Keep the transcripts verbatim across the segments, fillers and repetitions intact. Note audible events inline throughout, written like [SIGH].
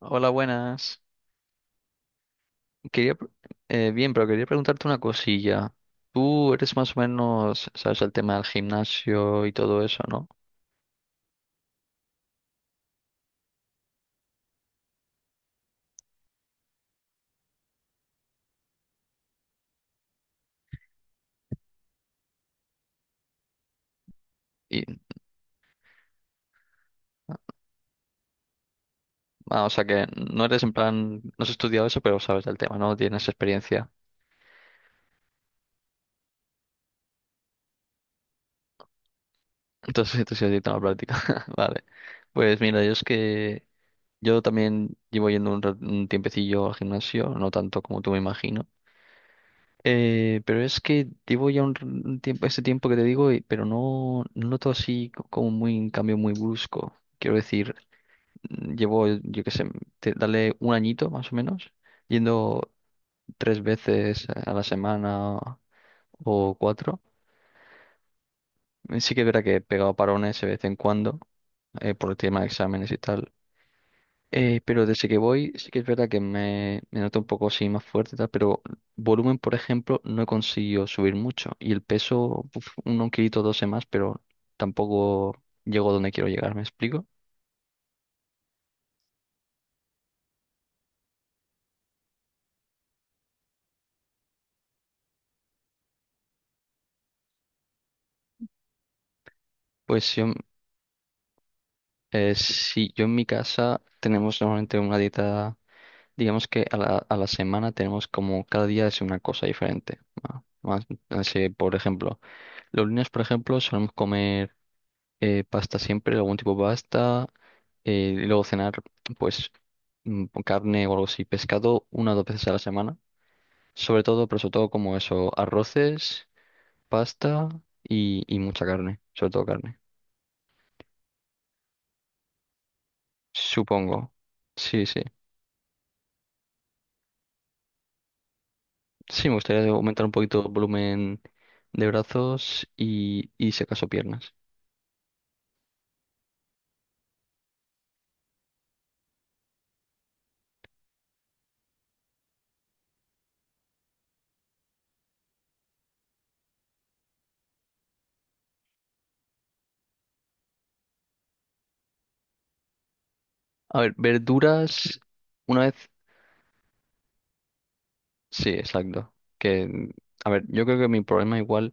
Hola, buenas. Quería, pre- eh, bien, pero quería preguntarte una cosilla. Tú eres más o menos, sabes, el tema del gimnasio y todo eso, ¿no? Y, ah, o sea que no eres en plan, no has estudiado eso, pero sabes del tema, ¿no? Tienes experiencia. [LAUGHS] Entonces, tú sí has ido a la práctica. [LAUGHS] Vale. Pues mira, yo es que yo también llevo yendo un, ra- un tiempecillo al gimnasio, no tanto como tú me imagino. Eh, pero es que llevo ya un, r- un tiempo, ese tiempo que te digo, y- pero no no noto así co- como muy, un cambio muy brusco. Quiero decir, mm, llevo, yo qué sé, te- dale un añito más o menos, yendo tres veces a la semana o cuatro. Sí que es verdad que he pegado parones de vez en cuando, eh, por el tema de exámenes y tal. Eh, pero desde que voy, sí que es verdad que me, me noto un poco así más fuerte, y tal, pero volumen, por ejemplo, no he conseguido subir mucho. Y el peso, uf, un un kilito, doce más, pero tampoco llego donde quiero llegar, ¿me explico? Pues si yo, eh, Sí, yo en mi casa tenemos normalmente una dieta, digamos que a la, a la semana tenemos como cada día es una cosa diferente. Más, más, no sé, por ejemplo, los lunes, por ejemplo, solemos comer. Eh, pasta siempre, algún tipo de pasta, eh, y luego cenar, pues, mm, con carne o algo así, pescado una o dos veces a la semana, sobre todo, pero sobre todo como eso, arroces, pasta y, y mucha carne, sobre todo carne, supongo. Sí, sí. Sí, me gustaría aumentar un poquito el volumen de brazos y, y si acaso piernas. A ver, verduras, una vez. Sí, exacto. Que, a ver, yo creo que mi problema igual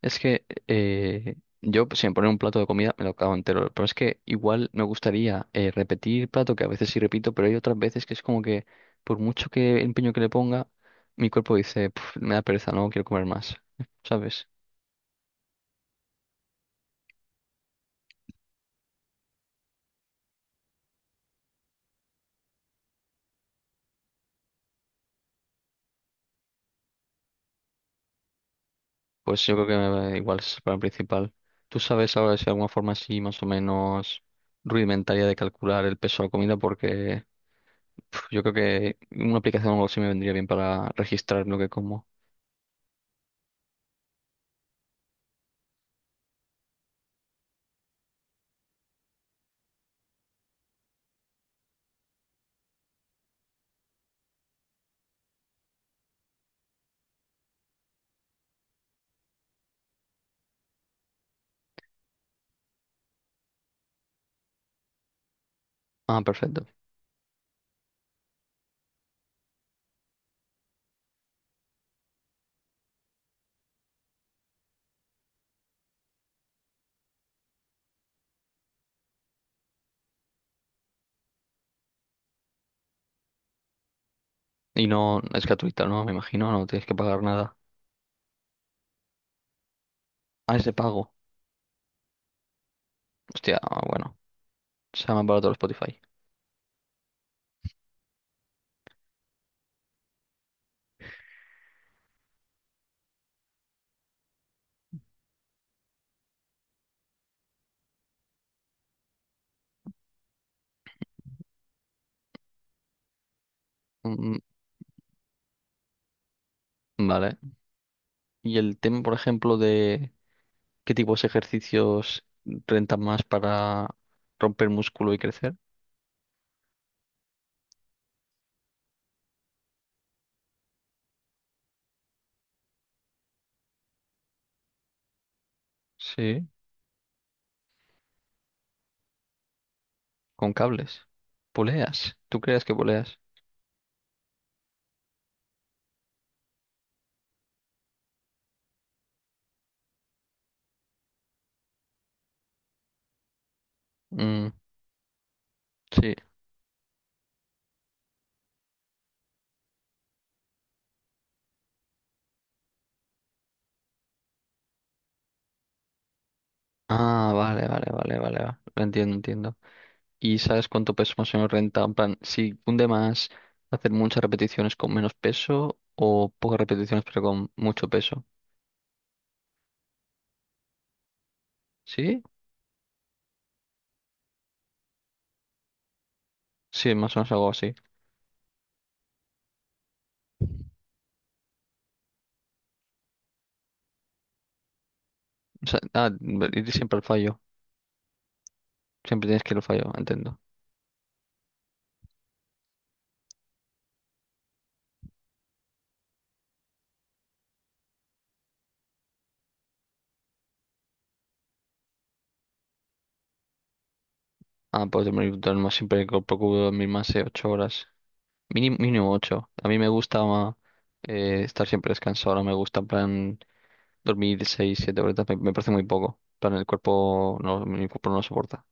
es que eh, yo, pues, si me ponen un plato de comida, me lo acabo entero. Pero es que igual me gustaría, eh, repetir plato, que a veces sí repito, pero hay otras veces que es como que, por mucho que empeño que le ponga, mi cuerpo dice: "Puf, me da pereza, no quiero comer más". [LAUGHS] ¿Sabes? Pues yo creo que eh, igual es el problema principal. ¿Tú sabes ahora si hay alguna forma así más o menos rudimentaria de calcular el peso de la comida? Porque... Yo creo que una aplicación o algo así me vendría bien para registrar lo que como. Ah, perfecto. Y no es gratuita, ¿no? Me imagino, no tienes que pagar nada. Ah, es de pago. Hostia, ah, bueno. Se llama barato el Spotify. Mm, mm, vale. Y el tema, por ejemplo, de qué tipos de ejercicios rentan más para romper músculo y crecer. Sí. Con cables. Poleas. ¿Tú crees que poleas? Mm, sí. Ah, vale, vale, vale, vale. va- Entiendo, entiendo. Y sabes cuánto peso más o menos renta. En plan, si cunde más hacer muchas repeticiones con menos peso o pocas repeticiones pero con mucho peso. ¿Sí? Sí, más o menos algo así. O sea, ah, Ir siempre al fallo. Siempre tienes que ir al fallo, entiendo. Ah, pues dormir más siempre co- procuro dormir más de ocho horas. Mínimo, mínimo ocho. A mí me gusta ma- eh, estar siempre descansado. No me gusta, en plan, dormir seis, siete horas. Me, me parece muy poco. En plan, el cuerpo no, mi cuerpo no lo soporta.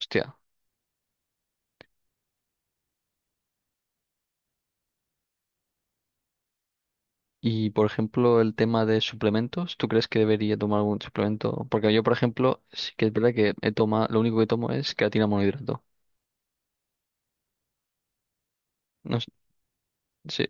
Hostia. Y, por ejemplo, el tema de suplementos, ¿tú crees que debería tomar algún suplemento? Porque yo, por ejemplo, sí que es verdad que he tomado, lo único que tomo es creatina monohidrato. No, s- Sí,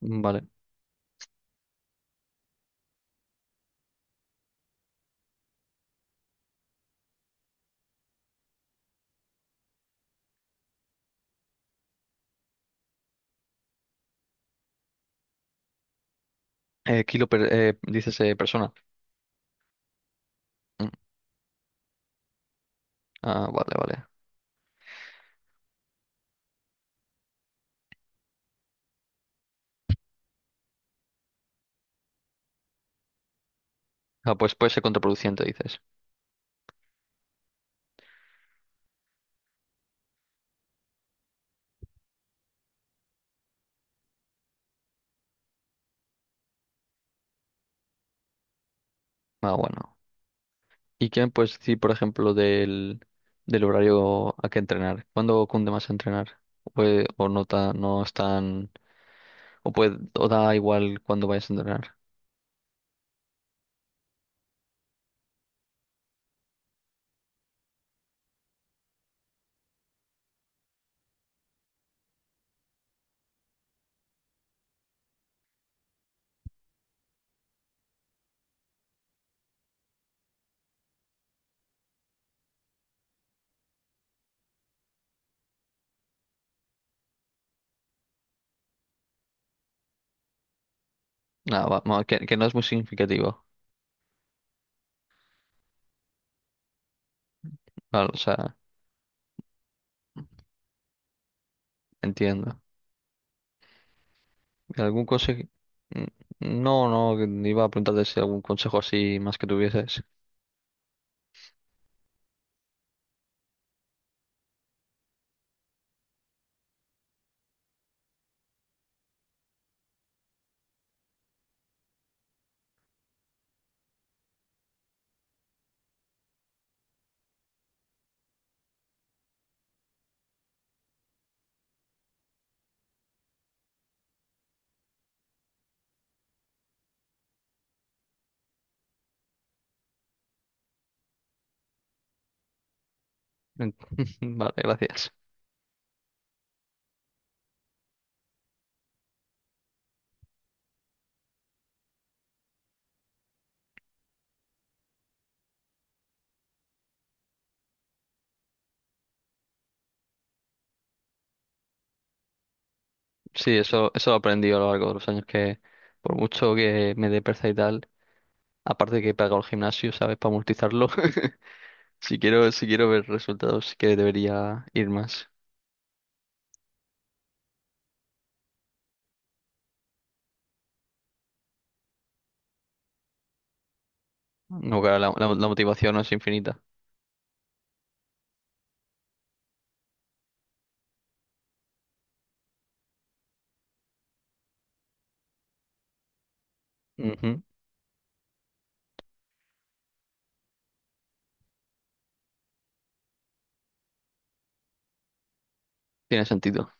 mm, vale. Eh, kilo per- eh, dices, eh, persona. Mm, Ah, vale, vale. Ah, pues puede ser contraproducente, dices. Ah, bueno. ¿Y qué me puedes decir, por ejemplo, del, del horario a que entrenar? ¿Cuándo cunde más entrenar? ¿O, eh, o no, ta- no es tan... o, puede, o da igual cuando vayas a entrenar? Nada, va- va, que, que no es muy significativo. Vale, o sea... Entiendo. ¿Algún consejo? Mm, No, no, iba a preguntarte si algún consejo así más que tuvieses. En- [LAUGHS] Vale, gracias. Sí, eso, eso lo aprendí a lo largo de los años que por mucho que me dé pereza y tal, aparte que he pagado el gimnasio, ¿sabes? Para amortizarlo. [LAUGHS] Si quiero, si quiero ver resultados, sí que debería ir más. No, claro, la, la- la motivación no es infinita. Ujú. Tiene sentido.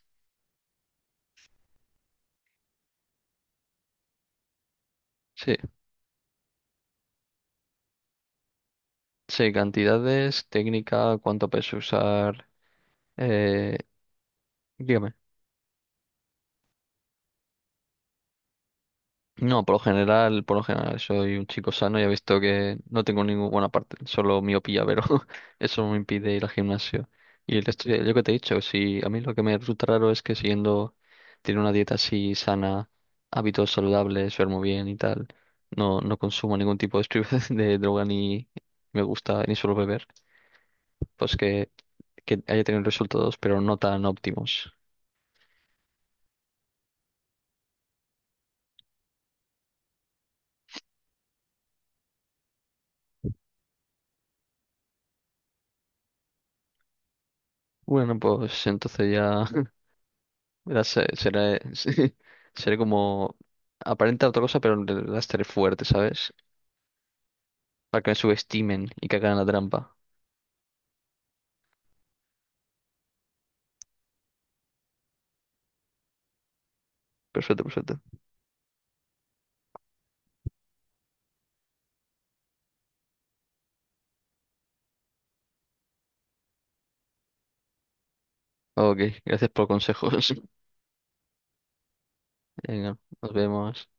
Sí. Sí, cantidades, técnica, cuánto peso usar. Eh, dígame. No, por lo general, por lo general, soy un chico sano y he visto que no tengo ninguna parte, solo miopía, pero [LAUGHS] eso no me impide ir al gimnasio. Y el resto, yo que te he dicho, si a mí lo que me resulta raro es que siguiendo, tiene una dieta así sana, hábitos saludables, duermo bien y tal, no, no consumo ningún tipo de, estru- [LAUGHS] de droga ni me gusta ni suelo beber, pues que, que haya tenido resultados, pero no tan óptimos. Bueno, pues entonces ya. [LAUGHS] Era, se- será, [LAUGHS] sí, será como aparenta otra cosa, pero en realidad estaré fuerte, ¿sabes? Para que me subestimen y que hagan la trampa. Perfecto, perfecto. Ok, gracias por consejos. [LAUGHS] Venga, nos vemos.